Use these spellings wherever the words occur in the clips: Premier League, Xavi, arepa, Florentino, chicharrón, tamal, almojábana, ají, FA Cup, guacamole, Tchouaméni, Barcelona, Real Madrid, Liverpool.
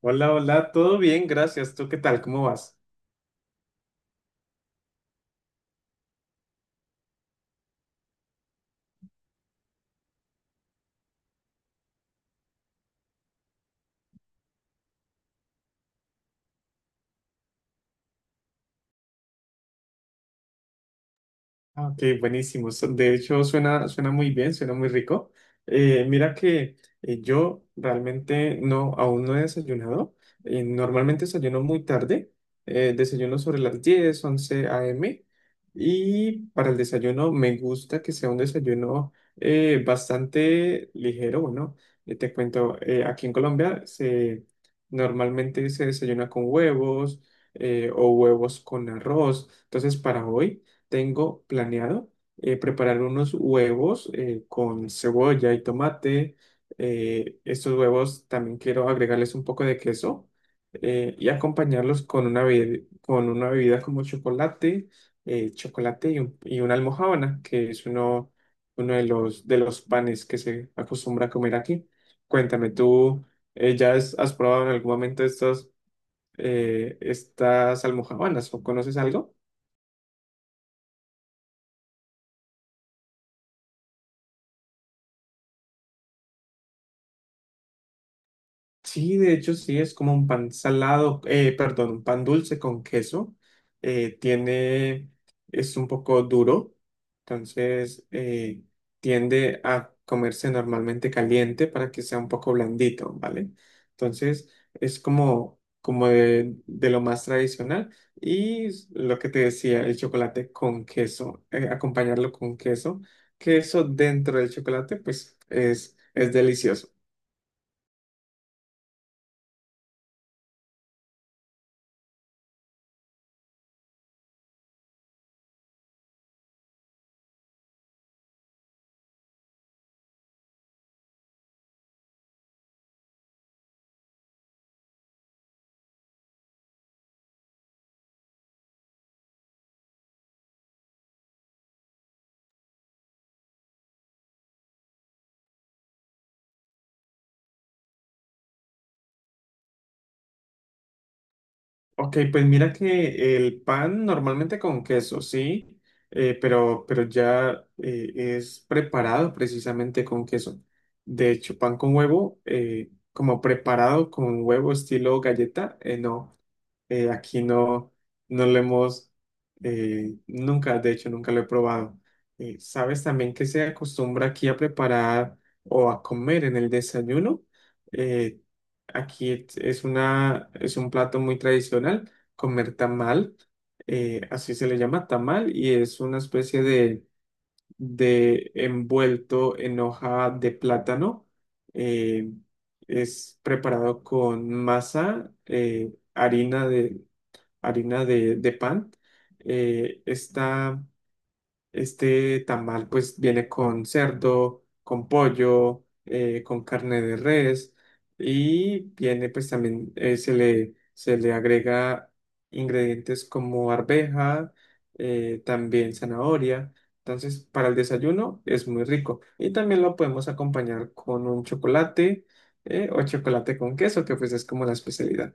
Hola, hola, todo bien, gracias. ¿Tú qué tal? ¿Cómo vas? Ah, Ok, buenísimo. De hecho, suena muy bien, suena muy rico. Mira que yo realmente no, aún no he desayunado. Normalmente desayuno muy tarde. Desayuno sobre las 10, 11 a. m. Y para el desayuno me gusta que sea un desayuno bastante ligero. Bueno, te cuento. Aquí en Colombia normalmente se desayuna con huevos o huevos con arroz. Entonces, para hoy, tengo planeado preparar unos huevos con cebolla y tomate. Estos huevos también quiero agregarles un poco de queso y acompañarlos con una, con una bebida como chocolate, chocolate y, y una almojábana, uno de de los panes que se acostumbra a comer aquí. Cuéntame, ¿tú ya has probado en algún momento estas almojábanas o conoces algo? Sí, de hecho sí, es como un pan salado, perdón, un pan dulce con queso. Eh, tiene, es un poco duro, entonces tiende a comerse normalmente caliente para que sea un poco blandito, ¿vale? Entonces es como, de lo más tradicional. Y lo que te decía, el chocolate con queso, acompañarlo con queso. Queso dentro del chocolate, pues es delicioso. Ok, pues mira que el pan normalmente con queso, sí. Pero ya es preparado precisamente con queso. De hecho, pan con huevo, como preparado con huevo estilo galleta, no. Aquí no, no lo hemos, nunca, de hecho, nunca lo he probado. ¿Sabes también que se acostumbra aquí a preparar o a comer en el desayuno? Eh, Aquí es un plato muy tradicional, comer tamal. Eh, así se le llama, tamal, y es una especie de envuelto en hoja de plátano. eh, es preparado con masa, harina de pan. Eh, esta, este tamal pues viene con cerdo, con pollo, con carne de res, y viene pues también se le agrega ingredientes como arveja, también zanahoria. Entonces, para el desayuno es muy rico. Y también lo podemos acompañar con un chocolate o chocolate con queso, que pues es como la especialidad.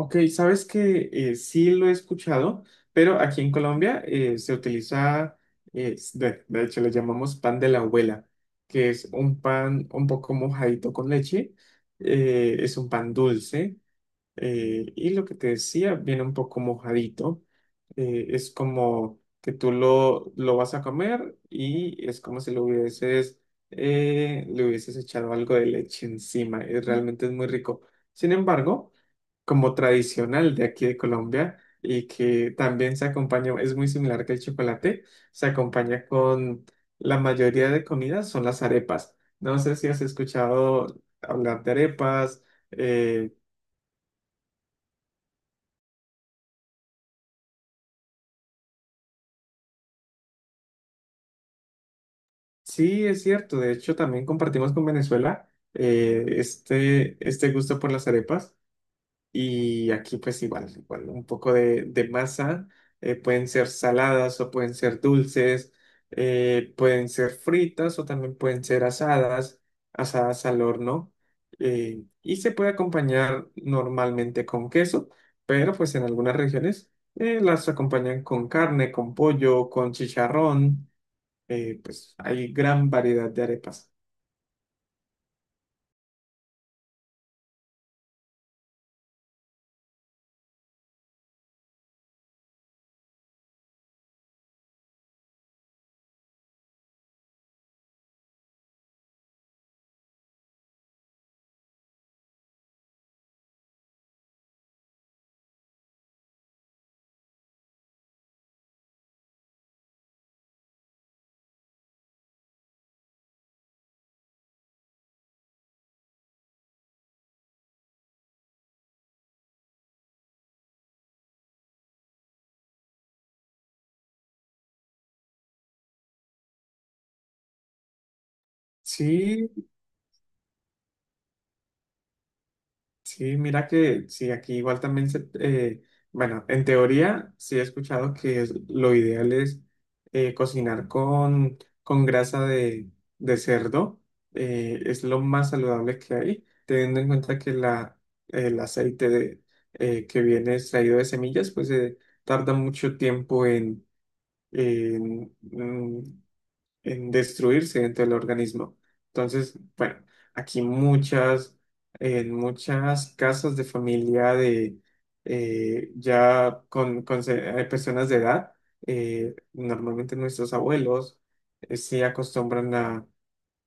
Ok, sabes que sí lo he escuchado, pero aquí en Colombia se utiliza, de hecho le llamamos pan de la abuela, que es un pan un poco mojadito con leche, es un pan dulce y lo que te decía, viene un poco mojadito. Eh, es como que tú lo vas a comer y es como si lo hubieses, le hubieses echado algo de leche encima, y realmente es muy rico. Sin embargo, como tradicional de aquí de Colombia, y que también se acompaña, es muy similar que el chocolate, se acompaña con la mayoría de comidas, son las arepas. No sé si has escuchado hablar de arepas. eh, sí, es cierto, de hecho también compartimos con Venezuela este gusto por las arepas. Y aquí pues igual, igual un poco de masa. Eh, pueden ser saladas o pueden ser dulces, pueden ser fritas o también pueden ser asadas, asadas al horno. Y se puede acompañar normalmente con queso, pero pues en algunas regiones las acompañan con carne, con pollo, con chicharrón, pues hay gran variedad de arepas. Sí. Sí, mira que sí, aquí igual también se, bueno, en teoría sí he escuchado que lo ideal es cocinar con grasa de cerdo. Eh, es lo más saludable que hay, teniendo en cuenta que el aceite de, que viene extraído de semillas, pues tarda mucho tiempo en en destruirse dentro del organismo. Entonces, bueno, aquí en muchas casas de familia de personas de edad, normalmente nuestros abuelos se acostumbran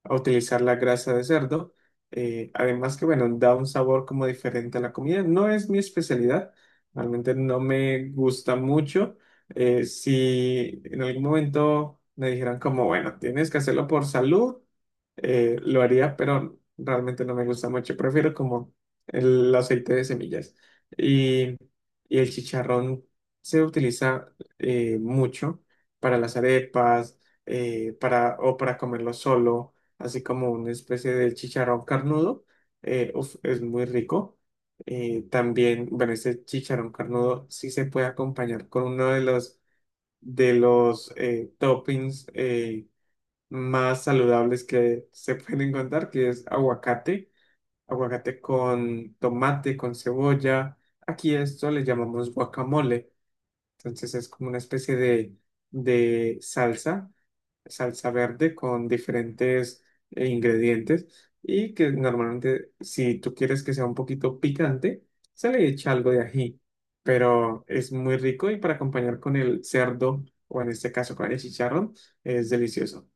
a utilizar la grasa de cerdo. Eh, además que, bueno, da un sabor como diferente a la comida. No es mi especialidad, realmente no me gusta mucho. Si en algún momento me dijeran como, bueno, tienes que hacerlo por salud, lo haría, pero realmente no me gusta mucho. Prefiero como el aceite de semillas. Y, y el chicharrón se utiliza mucho para las arepas, o para comerlo solo, así como una especie de chicharrón carnudo. Eh, uf, es muy rico. También, bueno, este chicharrón carnudo sí se puede acompañar con uno de los toppings más saludables que se pueden encontrar, que es aguacate. Aguacate con tomate, con cebolla. Aquí esto le llamamos guacamole. Entonces es como una especie de salsa verde con diferentes ingredientes, y que normalmente si tú quieres que sea un poquito picante, se le echa algo de ají, pero es muy rico, y para acompañar con el cerdo o en este caso con el chicharrón, es delicioso.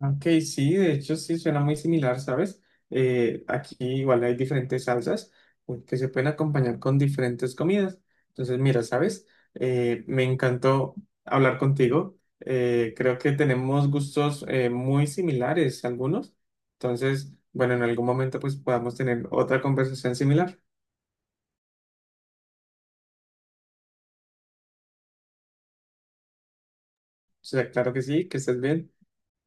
Ok, sí, de hecho sí suena muy similar, ¿sabes? Aquí igual hay diferentes salsas que se pueden acompañar con diferentes comidas. Entonces, mira, ¿sabes? Me encantó hablar contigo. Creo que tenemos gustos muy similares algunos. Entonces, bueno, en algún momento pues podamos tener otra conversación similar. O sea, claro que sí, que estés bien.